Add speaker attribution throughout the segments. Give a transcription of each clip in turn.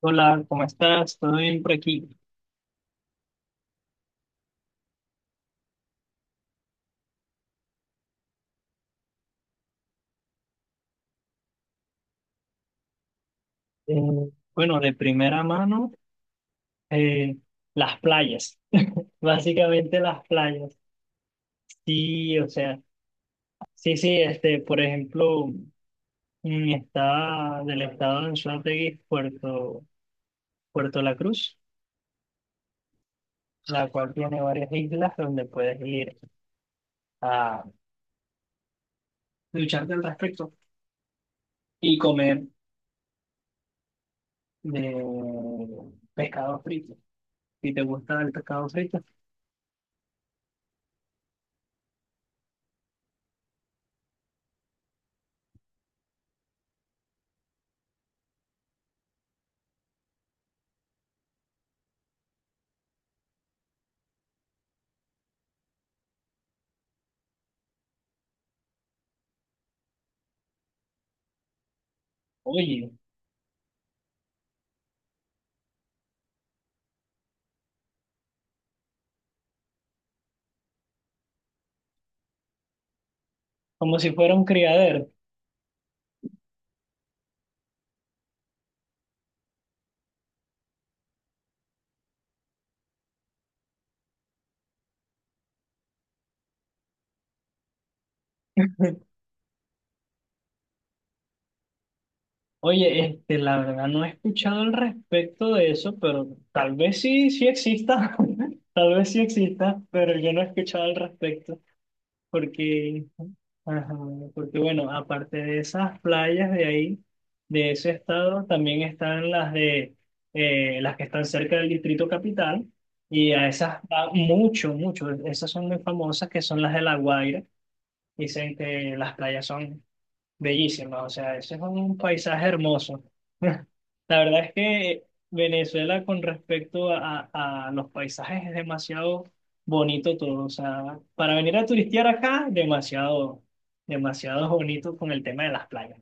Speaker 1: Hola, ¿cómo estás? ¿Todo bien por aquí? Eh, bueno, de primera mano, eh, las playas, básicamente las playas. Sí, o sea, sí, sí, este, por ejemplo, está del estado de Anzoátegui, Puerto La Cruz, la cual tiene varias islas donde puedes ir a ducharte al respecto y comer de pescado frito. Si te gusta el pescado frito, oye, como si fuera un criadero. Oye, este, la verdad no he escuchado al respecto de eso, pero tal vez sí, sí exista, tal vez sí exista, pero yo no he escuchado al respecto, porque, ajá, porque bueno, aparte de esas playas de ahí, de ese estado, también están las de, las que están cerca del Distrito Capital, y a esas, va mucho, mucho, esas son muy famosas, que son las de La Guaira, dicen que las playas son bellísima, o sea, ese es un paisaje hermoso. La verdad es que Venezuela con respecto a los paisajes es demasiado bonito todo, o sea, para venir a turistear acá, demasiado, demasiado bonito con el tema de las playas.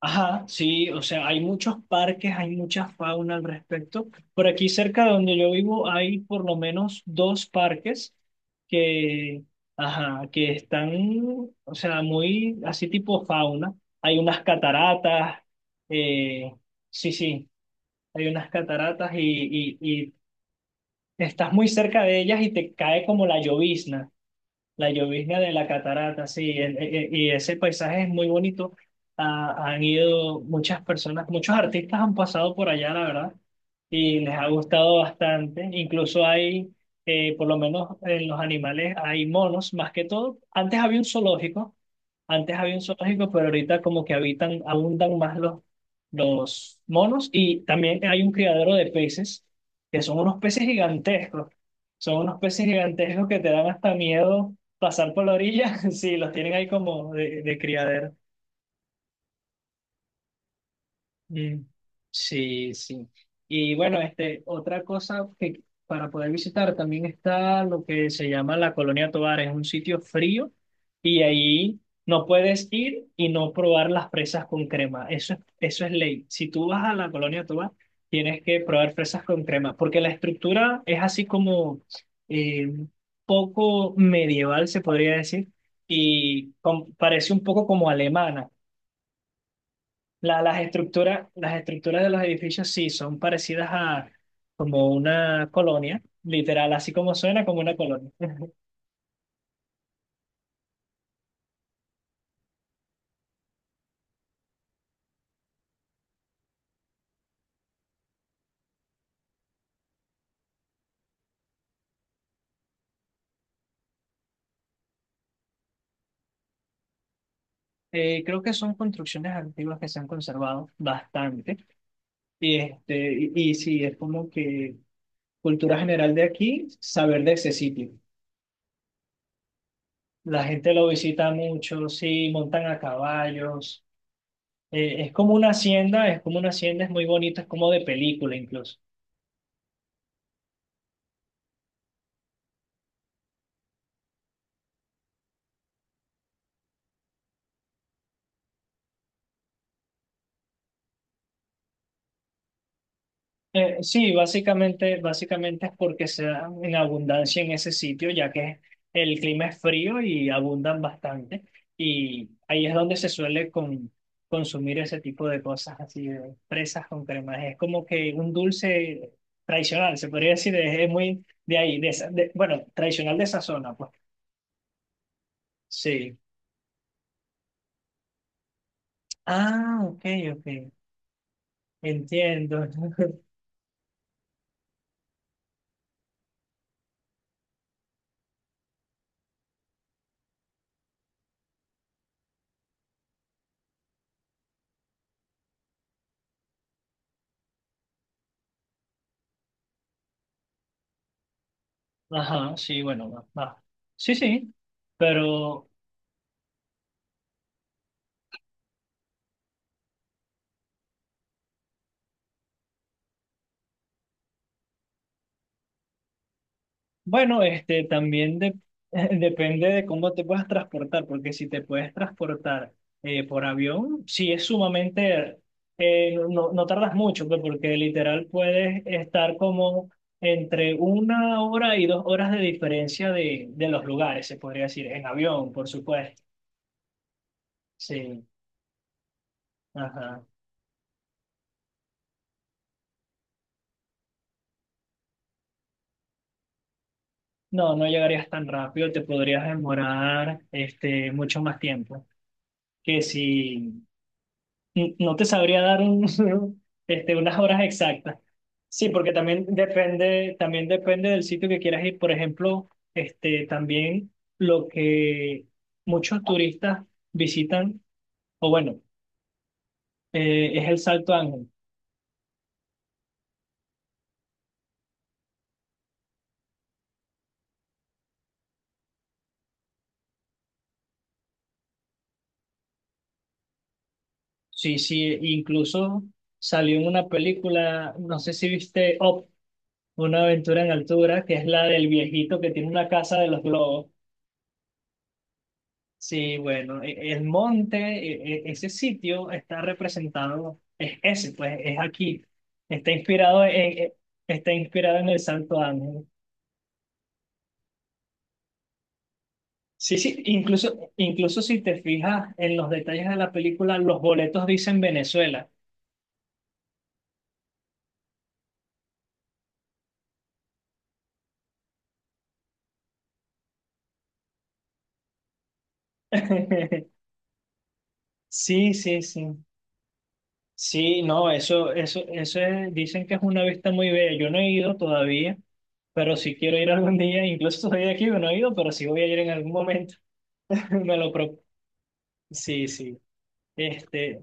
Speaker 1: Ajá, sí, o sea, hay muchos parques, hay mucha fauna al respecto. Por aquí cerca de donde yo vivo hay por lo menos dos parques que, ajá, que están, o sea, muy así tipo fauna. Hay unas cataratas, eh, sí, sí, hay unas cataratas y estás muy cerca de ellas y te cae como la llovizna. La llovizna de la catarata, sí, y ese paisaje es muy bonito. Ah, han ido muchas personas, muchos artistas han pasado por allá, la verdad y les ha gustado bastante. Incluso hay, por lo menos en los animales, hay monos, más que todo. Antes había un zoológico, antes había un zoológico, pero ahorita como que habitan, abundan más los monos y también hay un criadero de peces, que son unos peces gigantescos. Son unos peces gigantescos que te dan hasta miedo pasar por la orilla si los tienen ahí como de criadero. Mm, sí, sí. Y bueno, este, otra cosa que para poder visitar también está lo que se llama la Colonia Tovar, es un sitio frío y ahí no puedes ir y no probar las fresas con crema. Eso es ley. Si tú vas a la Colonia Tovar, tienes que probar fresas con crema, porque la estructura es así como eh, poco medieval, se podría decir, y parece un poco como alemana. Las estructuras de los edificios sí son parecidas a como una colonia, literal, así como suena como una colonia. Creo que son construcciones antiguas que se han conservado bastante. Y, este, y sí, es como que cultura general de aquí, saber de ese sitio. La gente lo visita mucho, sí, montan a caballos. Es como una hacienda, es como una hacienda, es muy bonito, es como de película incluso. Sí, básicamente, básicamente es porque se dan en abundancia en ese sitio, ya que el clima es frío y abundan bastante. Y ahí es donde se suele consumir ese tipo de cosas, así de fresas con cremas. Es como que un dulce tradicional, se podría decir, es muy de ahí, bueno, tradicional de esa zona, pues. Sí. Ah, ok, ok, entiendo. Ajá, sí, bueno, va. Sí, sí, pero... Bueno, este también depende de cómo te puedas transportar, porque si te puedes transportar por avión, sí es sumamente, no, no tardas mucho, pues, porque literal puedes estar como entre una hora y dos horas de diferencia de los lugares, se podría decir, en avión, por supuesto. Sí, ajá. No, no llegarías tan rápido, te podrías demorar este, mucho más tiempo que si no te sabría dar un, este, unas horas exactas. Sí, porque también depende del sitio que quieras ir. Por ejemplo, este, también lo que muchos turistas visitan, o bueno, es el Salto Ángel. Sí, sí, incluso salió en una película, no sé si viste Up, una aventura en altura, que es la del viejito que tiene una casa de los globos. Sí, bueno, el monte, ese sitio está representado, es ese, pues es aquí. Está inspirado e- está inspirado en el Santo Ángel. Sí, sí, incluso, incluso si te fijas en los detalles de la película, los boletos dicen Venezuela. Sí, sí, sí. Sí, no, eso, dicen que es una vista muy bella. Yo no he ido todavía, pero sí quiero ir algún día. Incluso soy de aquí, yo no he ido, pero sí voy a ir en algún momento. Me lo pro- Sí, sí. Este,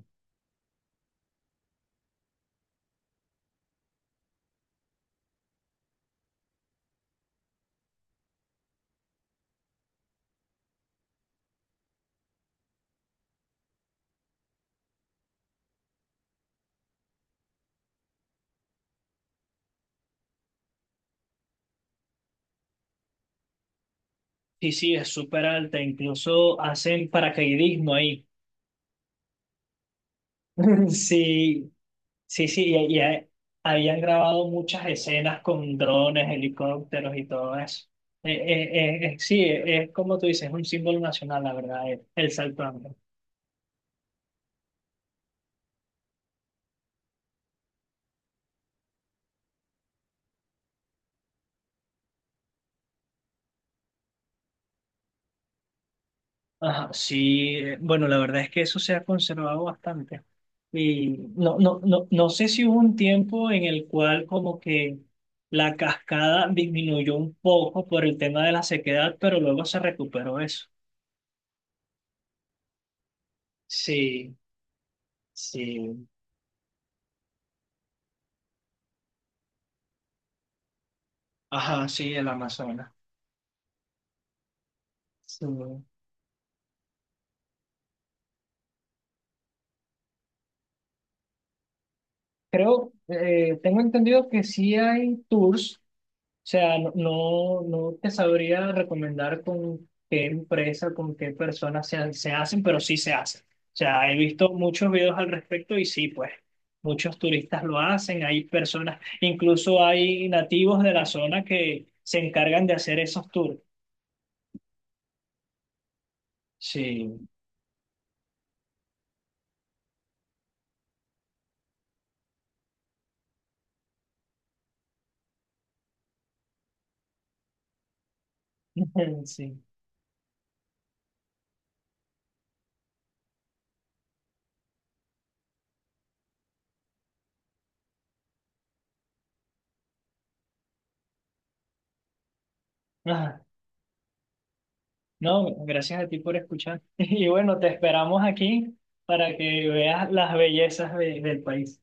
Speaker 1: sí, sí, es súper alta, incluso hacen paracaidismo ahí. Sí, sí, sí, y ahí grabado muchas escenas con drones, helicópteros y todo eso. Sí, es como tú dices, es un símbolo nacional, la verdad, el salto Ángel. Ajá, sí, bueno, la verdad es que eso se ha conservado bastante. Y no, no, no, no sé si hubo un tiempo en el cual como que la cascada disminuyó un poco por el tema de la sequedad, pero luego se recuperó eso. Sí, sí, ajá, sí, el Amazonas. Sí. Creo, tengo entendido que sí hay tours. O sea, no, no te sabría recomendar con qué empresa, con qué personas se hacen, pero sí se hacen. O sea, he visto muchos videos al respecto y sí, pues muchos turistas lo hacen, hay personas, incluso hay nativos de la zona que se encargan de hacer esos tours. Sí, sí. Ah, no, gracias a ti por escuchar. Y bueno, te esperamos aquí para que veas las bellezas del país.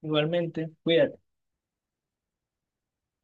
Speaker 1: Igualmente, cuídate.